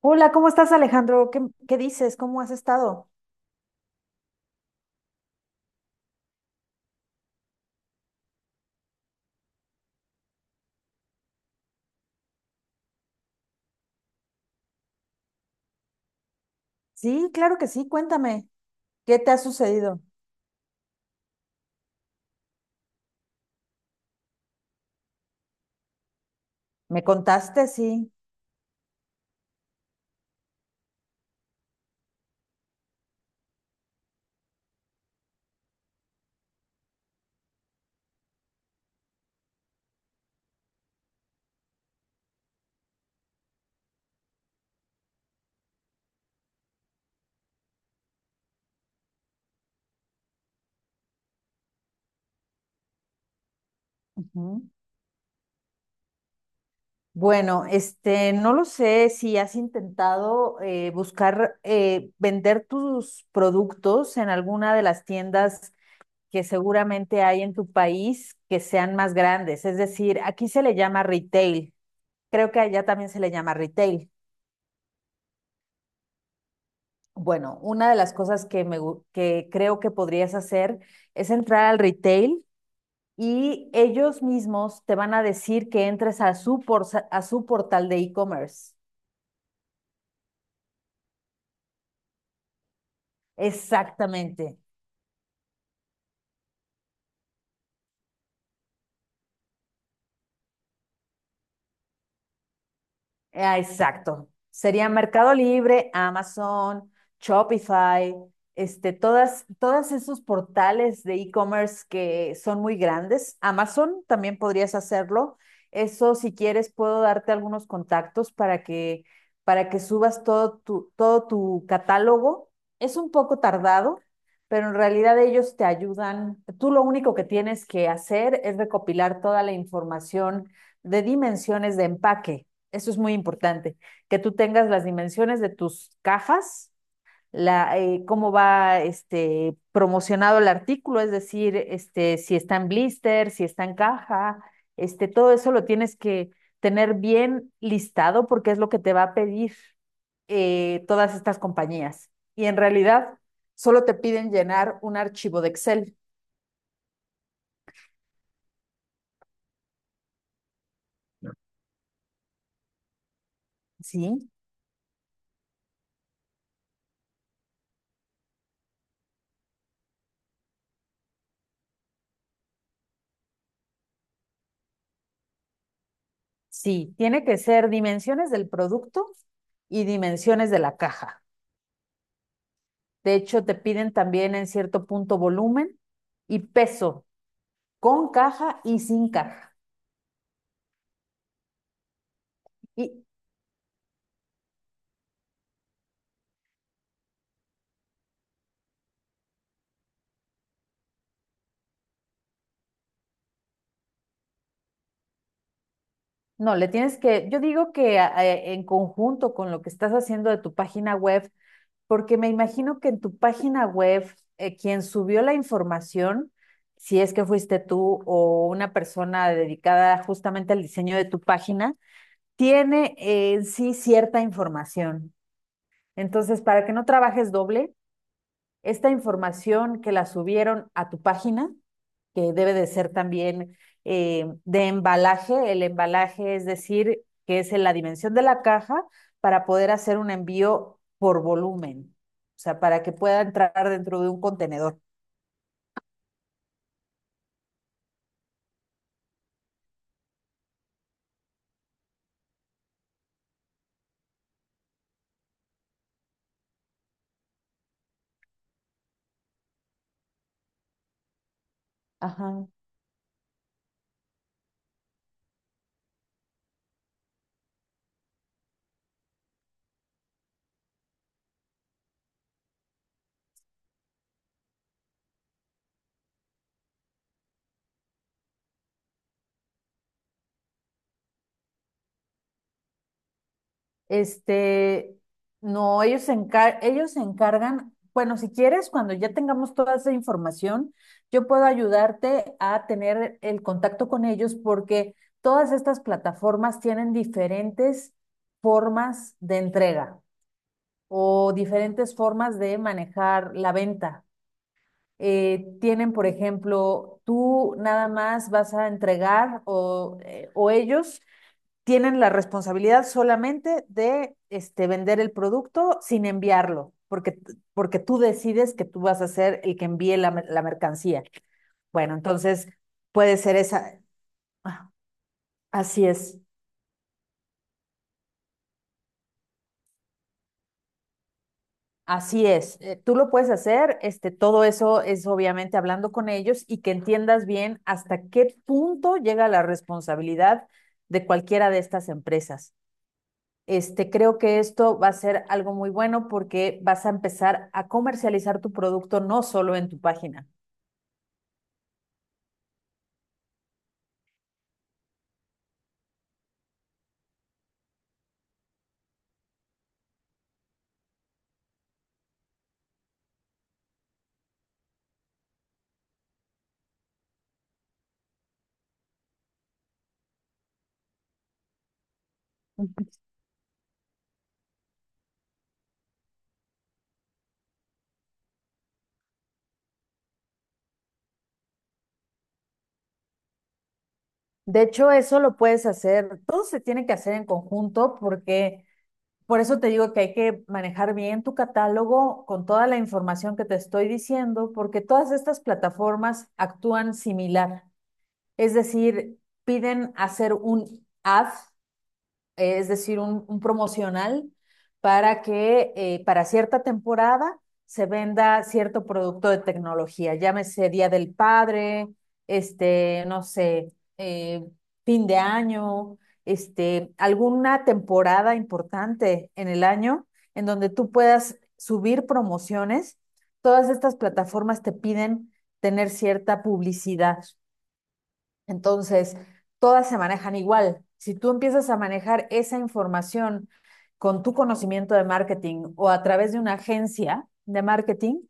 Hola, ¿cómo estás, Alejandro? ¿Qué dices? ¿Cómo has estado? Sí, claro que sí, cuéntame, ¿qué te ha sucedido? ¿Me contaste? Sí. Ujú. Bueno, no lo sé si has intentado buscar vender tus productos en alguna de las tiendas que seguramente hay en tu país que sean más grandes. Es decir, aquí se le llama retail. Creo que allá también se le llama retail. Bueno, una de las cosas que, que creo que podrías hacer es entrar al retail y ellos mismos te van a decir que entres a a su portal de e-commerce. Exactamente. Ah, exacto. Sería Mercado Libre, Amazon, Shopify, todos esos portales de e-commerce que son muy grandes. Amazon también podrías hacerlo. Eso, si quieres, puedo darte algunos contactos para que subas todo tu catálogo. Es un poco tardado, pero en realidad ellos te ayudan. Tú lo único que tienes que hacer es recopilar toda la información de dimensiones de empaque, eso es muy importante, que tú tengas las dimensiones de tus cajas, cómo va promocionado el artículo, es decir, si está en blister, si está en caja, todo eso lo tienes que tener bien listado porque es lo que te va a pedir, todas estas compañías. Y en realidad solo te piden llenar un archivo de Excel, ¿sí? Sí, tiene que ser dimensiones del producto y dimensiones de la caja. De hecho, te piden también en cierto punto volumen y peso, con caja y sin caja. Y no, le tienes que, yo digo que en conjunto con lo que estás haciendo de tu página web, porque me imagino que en tu página web, quien subió la información, si es que fuiste tú o una persona dedicada justamente al diseño de tu página, tiene en sí cierta información. Entonces, para que no trabajes doble, esta información que la subieron a tu página, que debe de ser también, de embalaje, el embalaje es decir, que es en la dimensión de la caja para poder hacer un envío por volumen, o sea, para que pueda entrar dentro de un contenedor. Ajá. Este, no, ellos se encargan, bueno, si quieres, cuando ya tengamos toda esa información, yo puedo ayudarte a tener el contacto con ellos porque todas estas plataformas tienen diferentes formas de entrega o diferentes formas de manejar la venta. Tienen, por ejemplo, tú nada más vas a entregar o ellos tienen la responsabilidad solamente de vender el producto sin enviarlo, porque tú decides que tú vas a ser el que envíe la mercancía. Bueno, entonces puede ser esa. Ah, así es, así es. Tú lo puedes hacer, todo eso es obviamente hablando con ellos y que entiendas bien hasta qué punto llega la responsabilidad de cualquiera de estas empresas. Este, creo que esto va a ser algo muy bueno porque vas a empezar a comercializar tu producto no solo en tu página. De hecho, eso lo puedes hacer, todo se tiene que hacer en conjunto porque por eso te digo que hay que manejar bien tu catálogo con toda la información que te estoy diciendo, porque todas estas plataformas actúan similar. Es decir, piden hacer un ad, es decir, un promocional para que para cierta temporada se venda cierto producto de tecnología, llámese Día del Padre, no sé, fin de año, alguna temporada importante en el año en donde tú puedas subir promociones. Todas estas plataformas te piden tener cierta publicidad. Entonces, todas se manejan igual. Si tú empiezas a manejar esa información con tu conocimiento de marketing o a través de una agencia de marketing,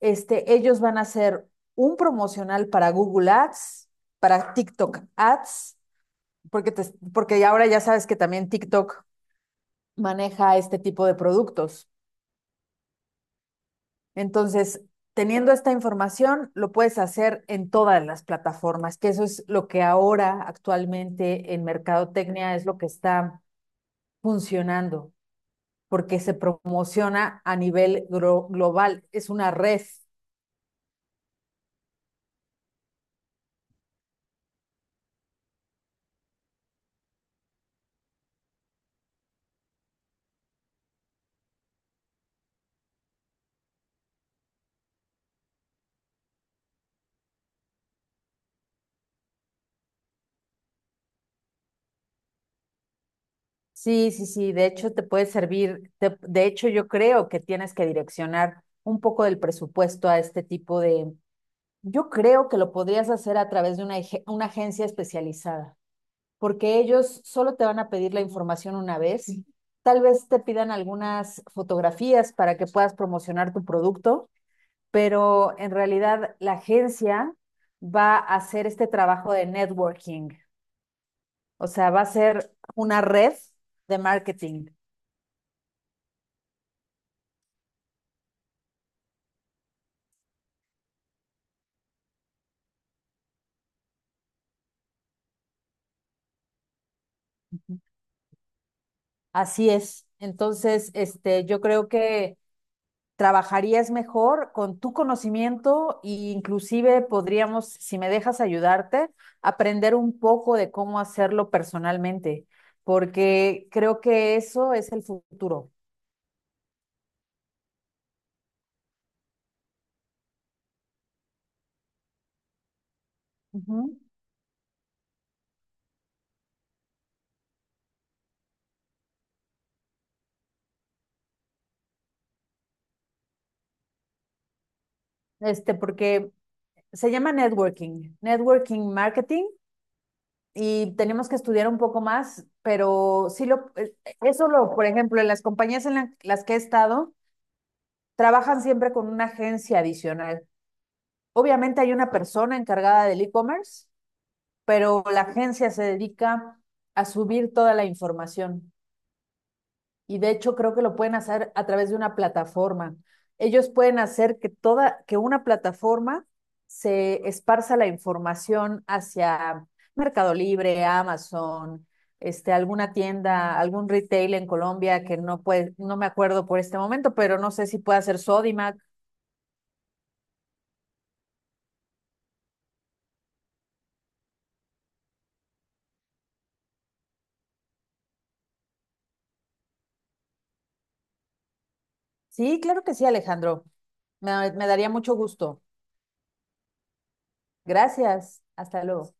ellos van a hacer un promocional para Google Ads, para TikTok Ads, porque ahora ya sabes que también TikTok maneja este tipo de productos. Entonces, teniendo esta información, lo puedes hacer en todas las plataformas, que eso es lo que ahora actualmente en mercadotecnia es lo que está funcionando, porque se promociona a nivel global, es una red. Sí, sí, sí, de hecho te puede servir, de hecho yo creo que tienes que direccionar un poco del presupuesto a este tipo de, yo creo que lo podrías hacer a través de una agencia especializada, porque ellos solo te van a pedir la información una vez. Sí. Tal vez te pidan algunas fotografías para que puedas promocionar tu producto, pero en realidad la agencia va a hacer este trabajo de networking, o sea, va a ser una red de marketing. Así es. Entonces, yo creo que trabajarías mejor con tu conocimiento e inclusive podríamos, si me dejas ayudarte, aprender un poco de cómo hacerlo personalmente, porque creo que eso es el futuro. Ujú. Este, porque se llama networking, networking marketing, y tenemos que estudiar un poco más, pero sí eso lo, por ejemplo, en las compañías las que he estado, trabajan siempre con una agencia adicional. Obviamente hay una persona encargada del e-commerce, pero la agencia se dedica a subir toda la información y de hecho creo que lo pueden hacer a través de una plataforma. Ellos pueden hacer que que una plataforma se esparza la información hacia Mercado Libre, Amazon, alguna tienda, algún retail en Colombia que no puede, no me acuerdo por este momento, pero no sé si puede hacer Sodimac. Sí, claro que sí, Alejandro. Me daría mucho gusto. Gracias. Hasta luego.